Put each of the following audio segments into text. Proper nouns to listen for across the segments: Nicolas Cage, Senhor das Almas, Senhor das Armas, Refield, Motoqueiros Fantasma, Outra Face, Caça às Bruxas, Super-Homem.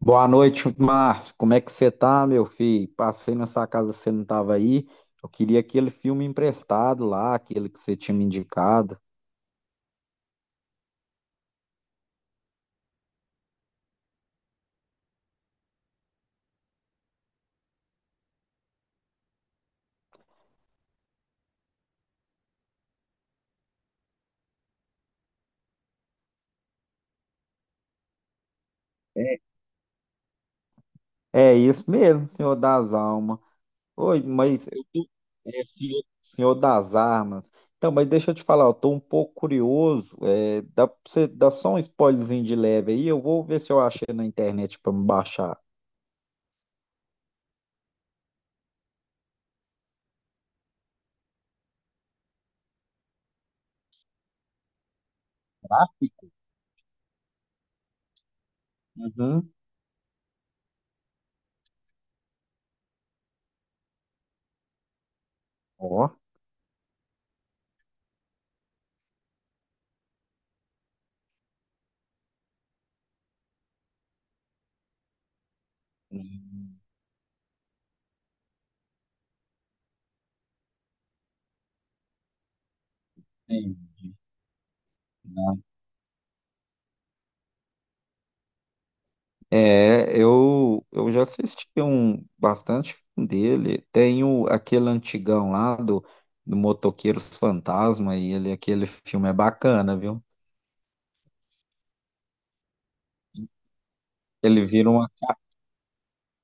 Boa noite, Márcio. Como é que você tá, meu filho? Passei na sua casa, você não tava aí. Eu queria aquele filme emprestado lá, aquele que você tinha me indicado. É isso mesmo, Senhor das Almas. Oi, mas Senhor das Armas. Então, mas deixa eu te falar, eu tô um pouco curioso. Pra você dá só um spoilerzinho de leve aí, eu vou ver se eu achei na internet pra me baixar. Tá? Uhum. Ó. Hum, sim. É, eu já assisti um bastante filme dele. Tem o, aquele antigão lá do Motoqueiros Fantasma e ele, aquele filme é bacana, viu? Ele vira uma,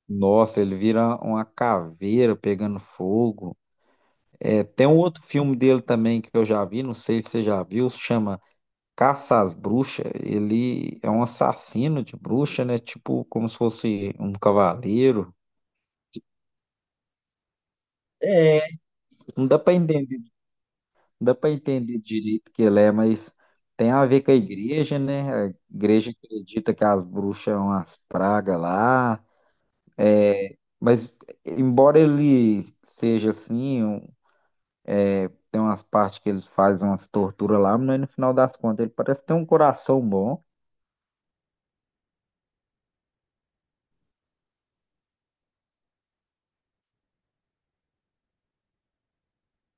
nossa, ele vira uma caveira pegando fogo. É, tem um outro filme dele também que eu já vi, não sei se você já viu, se chama Caça às Bruxas. Ele é um assassino de bruxa, né? Tipo como se fosse um cavaleiro. É, não dá para entender. Não dá para entender direito o que ele é, mas tem a ver com a igreja, né? A igreja acredita que as bruxas são as pragas lá, mas embora ele seja assim, tem umas partes que eles fazem umas torturas lá, mas no final das contas ele parece ter um coração bom.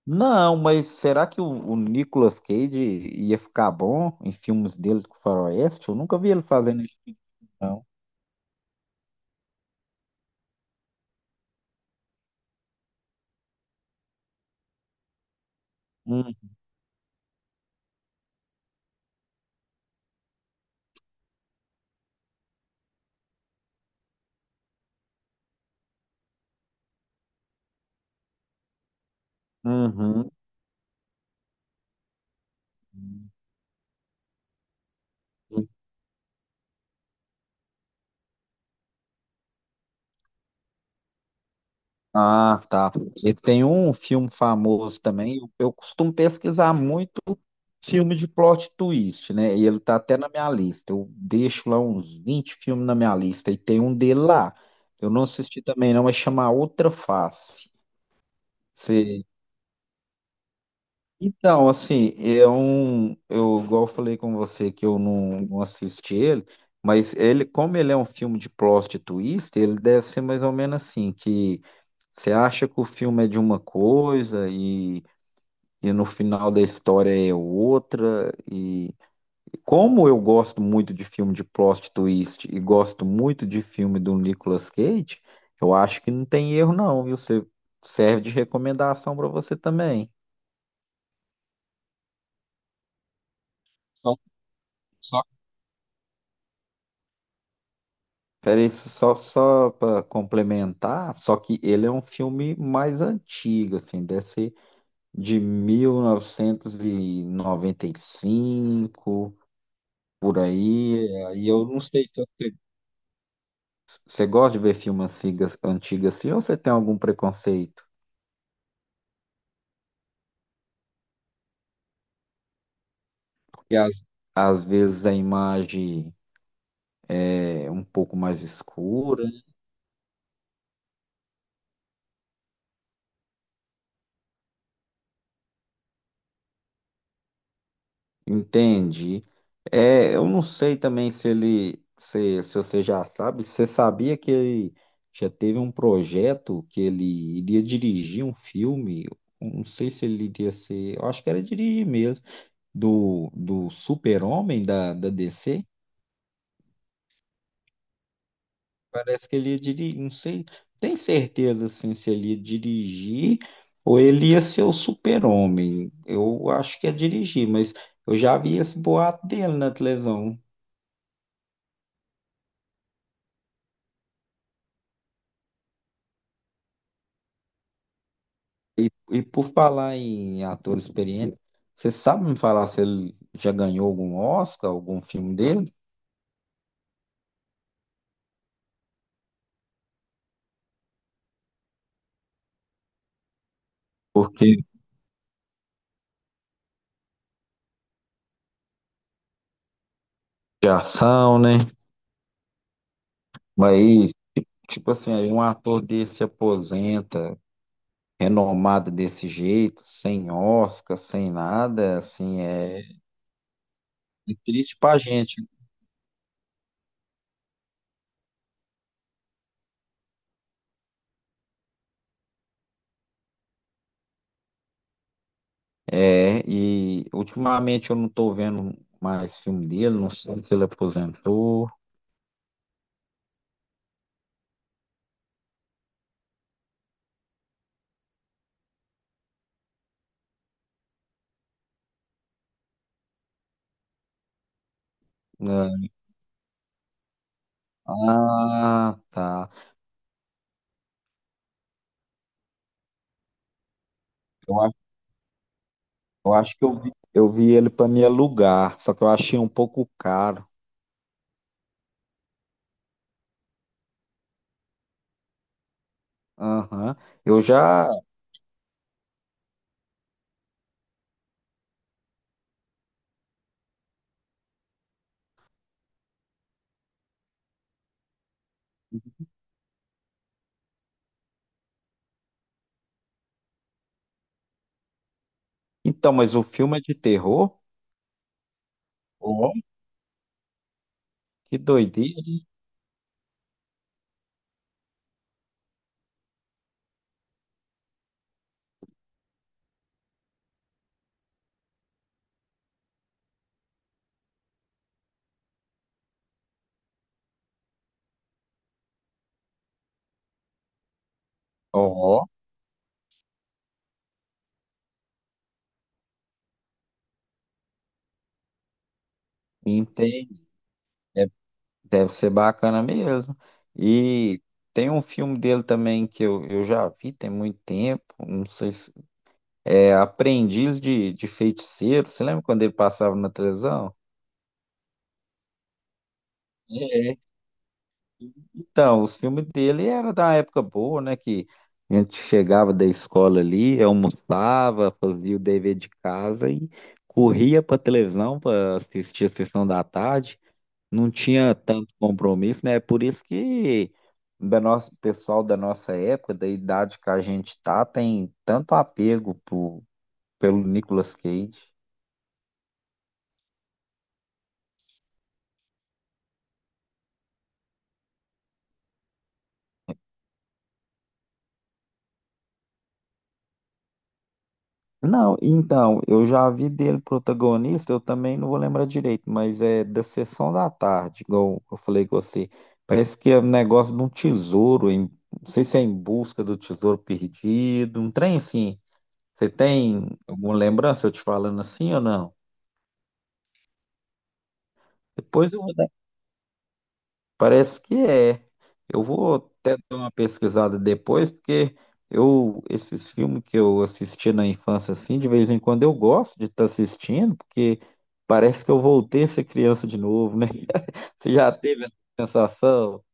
Não, mas será que o Nicolas Cage ia ficar bom em filmes dele com o Faroeste? Eu nunca vi ele fazendo isso, não. Hum, uhum. Ah, tá. E tem um filme famoso também. Eu costumo pesquisar muito filme de plot twist, né? E ele tá até na minha lista. Eu deixo lá uns 20 filmes na minha lista. E tem um dele lá. Eu não assisti também, não, mas chama Outra Face. Então, assim, é um, eu igual eu falei com você que eu não assisti ele, mas ele, como ele é um filme de plot twist, ele deve ser mais ou menos assim, que você acha que o filme é de uma coisa e no final da história é outra, e como eu gosto muito de filme de plot twist e gosto muito de filme do Nicolas Cage, eu acho que não tem erro não, viu? Você serve de recomendação para você também. Peraí, só para complementar, só que ele é um filme mais antigo, assim, deve ser de 1995 por aí. Aí eu não sei se você, você gosta de ver filmes antigos, antigos assim ou você tem algum preconceito? Porque às vezes a imagem é um pouco mais escura. Entendi. É, eu não sei também se ele, se você já sabe, você sabia que ele já teve um projeto que ele iria dirigir um filme, eu não sei se ele iria ser, eu acho que era dirigir mesmo, do, Super-Homem da DC. Parece que ele ia dirigir, não sei, tem certeza assim, se ele ia dirigir ou ele ia ser o Super-Homem, eu acho que é dirigir, mas eu já vi esse boato dele na televisão. E por falar em ator experiente, você sabe me falar se ele já ganhou algum Oscar, algum filme dele? Porque de ação, né? Mas, tipo assim, aí um ator desse se aposenta, renomado desse jeito, sem Oscar, sem nada, assim, é triste pra gente. É, e ultimamente eu não tô vendo mais filme dele, não sei se ele aposentou. Né? Ah, tá. Eu Eu acho que eu vi ele para me alugar, só que eu achei um pouco caro. Aham. Eu já. Então, mas o filme é de terror? Ó, que doideira. Ó, entendi. Deve, deve ser bacana mesmo. E tem um filme dele também que eu já vi tem muito tempo. Não sei se. É Aprendiz de Feiticeiro. Você lembra quando ele passava na televisão? É. Então, os filmes dele era da época boa, né? Que a gente chegava da escola ali, almoçava, fazia o dever de casa e corria para televisão para assistir a sessão da tarde. Não tinha tanto compromisso, né? Por isso que da nossa, pessoal da nossa época, da idade que a gente tá, tem tanto apego pelo Nicolas Cage. Não, então, eu já vi dele protagonista, eu também não vou lembrar direito, mas é da Sessão da Tarde, igual eu falei com você. Parece que é um negócio de um tesouro, não sei se é em busca do tesouro perdido, um trem assim. Você tem alguma lembrança eu te falando assim ou não? Depois eu vou dar. Parece que é. Eu vou até dar uma pesquisada depois, porque eu esses filmes que eu assisti na infância assim, de vez em quando eu gosto de estar assistindo, porque parece que eu voltei a ser criança de novo, né? Você já teve essa sensação?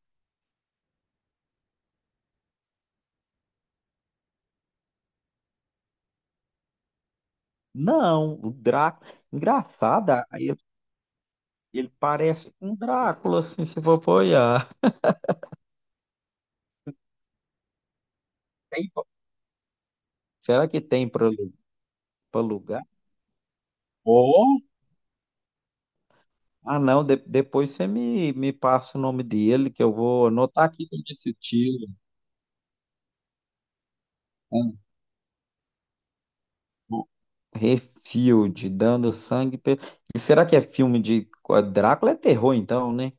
Não, o Drácula, engraçado, aí ele parece um Drácula assim, se for apoiar. Será que tem para alugar? Ah, não, depois você me passa o nome dele, que eu vou anotar aqui para esse tiro. Refield, dando sangue. E será que é filme de. Drácula é terror, então, né?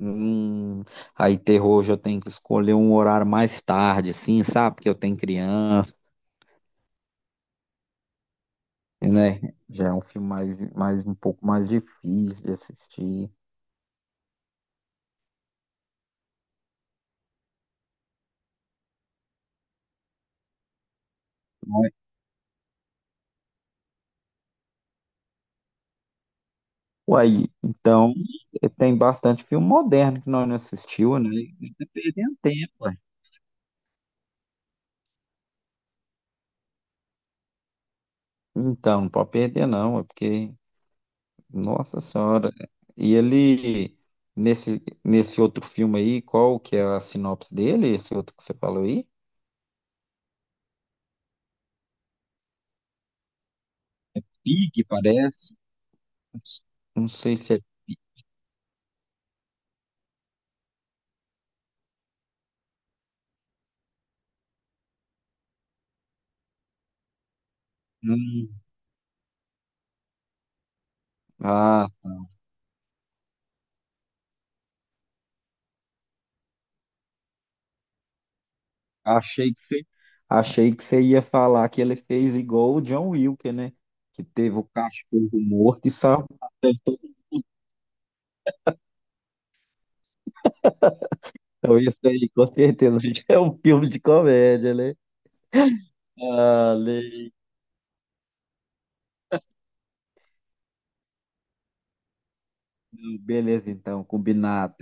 Hum, aí, terror, hoje eu tenho que escolher um horário mais tarde, assim, sabe? Porque eu tenho criança, né? Já é um filme mais um pouco mais difícil de assistir. Mas, uai, então, tem bastante filme moderno que nós não assistiu, né? E tá perdendo tempo. Então, não pode perder não, é porque, nossa senhora. E ele, nesse outro filme aí, qual que é a sinopse dele, esse outro que você falou aí? Pig, parece. Não sei se é... Hum, ah, achei que você, achei que você ia falar que ele fez igual o John Wilker, né? Que teve o cachorro morto e salvou. Então, isso aí, com certeza, é um filme de comédia, né? Ah, beleza, então, combinado.